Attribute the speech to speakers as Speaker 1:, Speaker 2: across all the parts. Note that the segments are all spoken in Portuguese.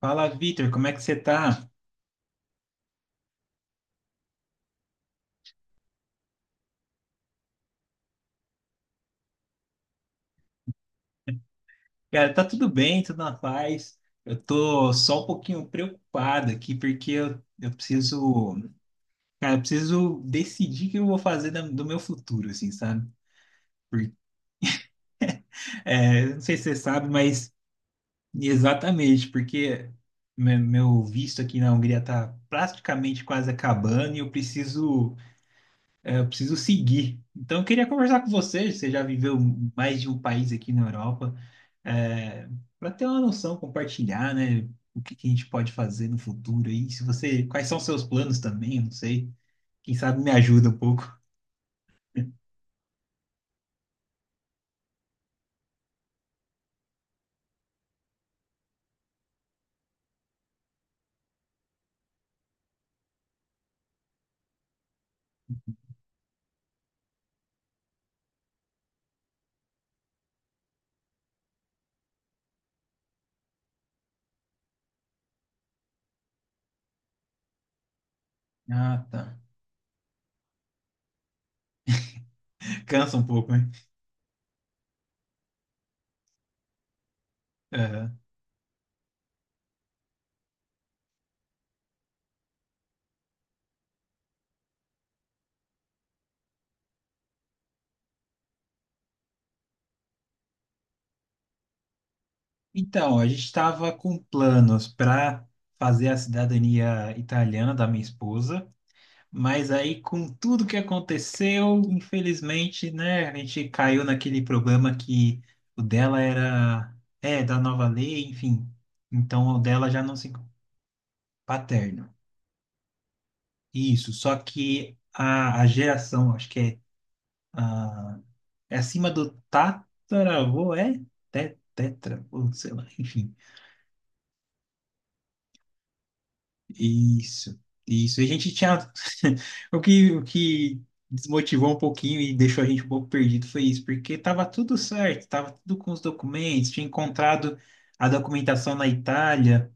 Speaker 1: Fala, Vitor, como é que você tá? Cara, tá tudo bem, tudo na paz. Eu tô só um pouquinho preocupado aqui, porque cara, eu preciso decidir o que eu vou fazer do meu futuro, assim, sabe? Por- É, eu não sei se você sabe, mas exatamente, porque meu visto aqui na Hungria tá praticamente quase acabando e eu preciso. É, eu preciso seguir. Então, eu queria conversar com você. Você já viveu mais de um país aqui na Europa, é, para ter uma noção, compartilhar, né? O que que a gente pode fazer no futuro aí? Se você, quais são os seus planos também? Eu não sei. Quem sabe me ajuda um pouco. Ah, tá. Cansa um pouco, né? É. Então, a gente estava com planos para fazer a cidadania italiana da minha esposa. Mas aí, com tudo que aconteceu, infelizmente, né, a gente caiu naquele problema que o dela era, é, da nova lei, enfim. Então, o dela já não se. Paterno. Isso, só que a geração, acho que a, é acima do tataravô, é? Tetra, ou sei lá, enfim. Isso, isso. E a gente tinha. O que desmotivou um pouquinho e deixou a gente um pouco perdido foi isso, porque estava tudo certo, estava tudo com os documentos, tinha encontrado a documentação na Itália,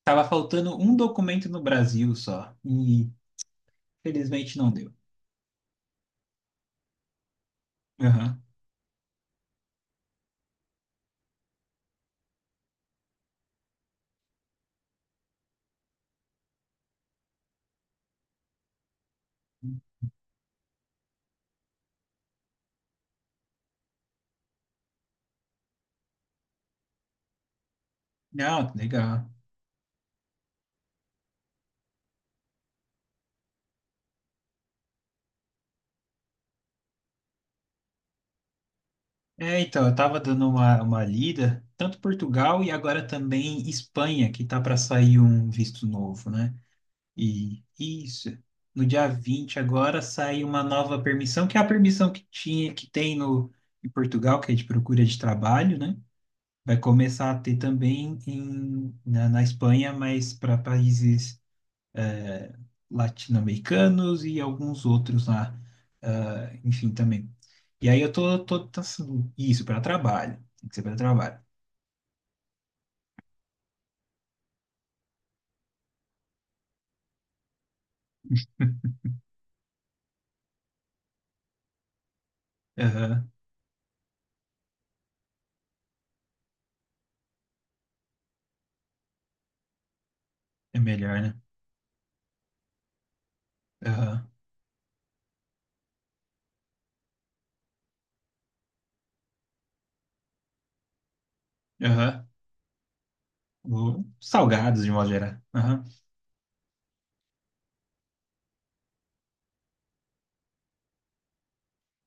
Speaker 1: estava faltando um documento no Brasil só, e felizmente não deu. Aham. Não, legal. É, então, eu estava dando uma lida, tanto Portugal e agora também Espanha, que tá para sair um visto novo, né? E isso. No dia 20 agora sai uma nova permissão, que é a permissão que tinha, que tem no, em Portugal, que é de procura de trabalho, né? Vai começar a ter também em, na Espanha, mas para países latino-americanos e alguns outros lá, ah, enfim, também. E aí eu tá, assim, isso, para trabalho. Tem que ser para trabalho. Aham, é melhor, né? Aham, aham. Salgados, de modo geral. Aham.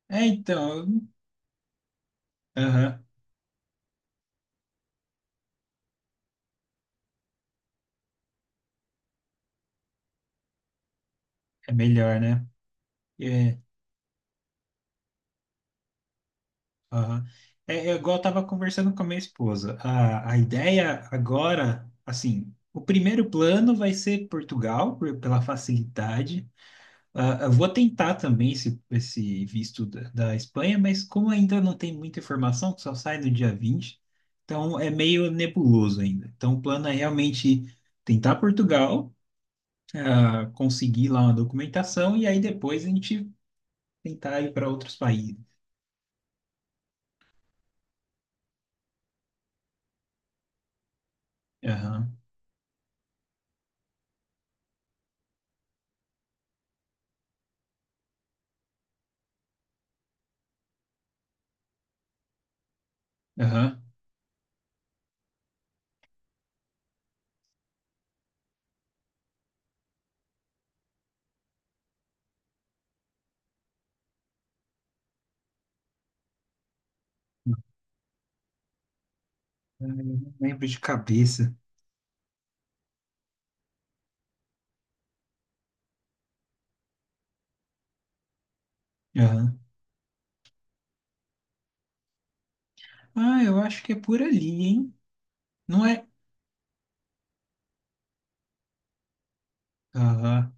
Speaker 1: É, então, Aham. É melhor, né? É, aham. É. É igual eu estava conversando com a minha esposa. A ideia agora, assim, o primeiro plano vai ser Portugal, pela facilidade. Ah, eu vou tentar também esse visto da Espanha, mas como ainda não tem muita informação, que só sai no dia 20, então é meio nebuloso ainda. Então o plano é realmente tentar Portugal, ah, conseguir lá uma documentação e aí depois a gente tentar ir para outros países. Aham. Aham. Eu não lembro de cabeça. Aham. Ah, eu acho que é por ali, hein? Não é? Aham.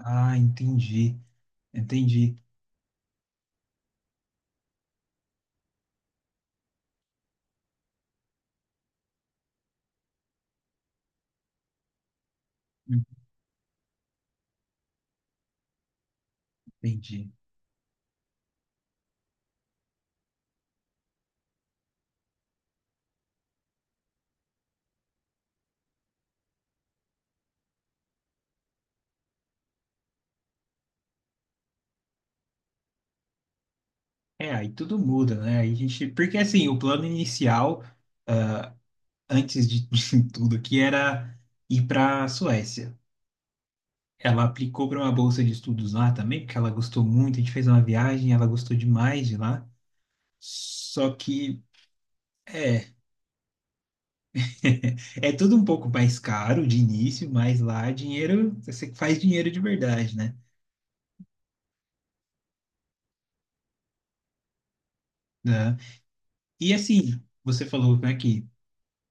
Speaker 1: Ah, entendi. Entendi. Entendi. É, aí tudo muda, né? Aí a gente. Porque assim, o plano inicial, antes de tudo aqui, era ir para a Suécia. Ela aplicou para uma bolsa de estudos lá também, porque ela gostou muito. A gente fez uma viagem, ela gostou demais de lá. Só que, é, É tudo um pouco mais caro de início, mas lá dinheiro, você faz dinheiro de verdade, né? Né? E assim, você falou, né, que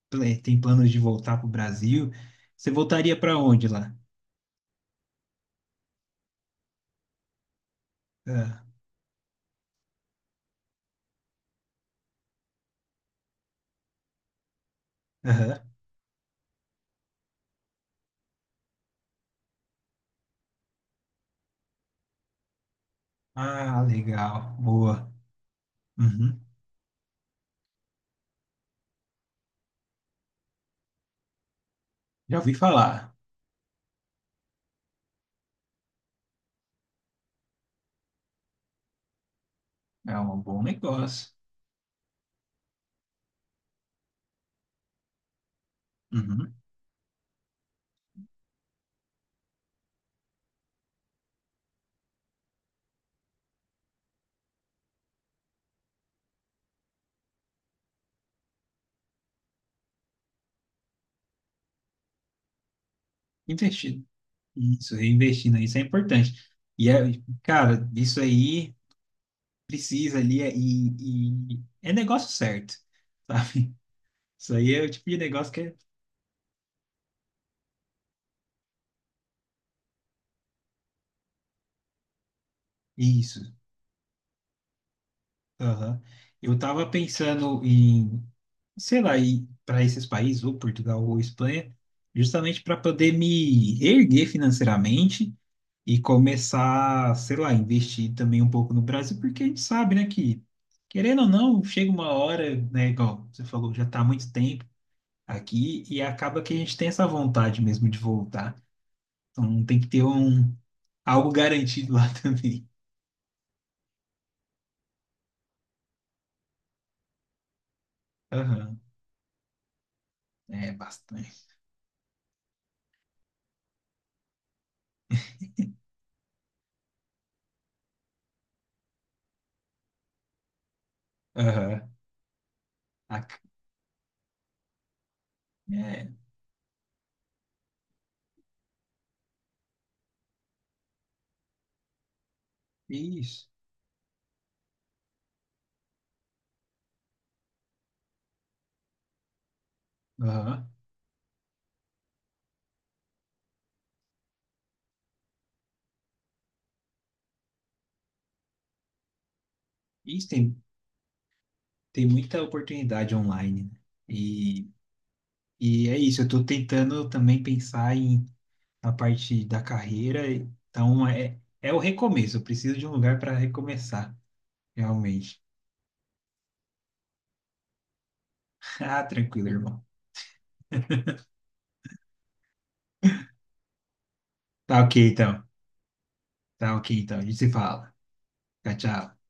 Speaker 1: tem planos de voltar para o Brasil. Você voltaria para onde lá? Ah, aham. Ah, legal, boa. Uhum. Já ouvi falar. É um bom negócio. Uhum. Investindo. Isso, reinvestindo, isso é importante. E, é, cara, isso aí precisa ali. E é negócio certo, sabe? Isso aí é o tipo de negócio que é. Isso. Aham. Eu tava pensando em, sei lá, ir para esses países, ou Portugal ou Espanha, justamente para poder me erguer financeiramente e começar, sei lá, investir também um pouco no Brasil, porque a gente sabe, né, que querendo ou não, chega uma hora, né, igual você falou, já tá há muito tempo aqui e acaba que a gente tem essa vontade mesmo de voltar. Então tem que ter um algo garantido lá também. Aham. É bastante. Aham. A- É, isso. Aham. Isso, tem muita oportunidade online, né? E, e é isso, eu estou tentando também pensar em a parte da carreira, então é o recomeço, eu preciso de um lugar para recomeçar, realmente. Ah, tranquilo, irmão. Tá ok, então. Tá ok, então. A gente se fala. Tchau, tchau.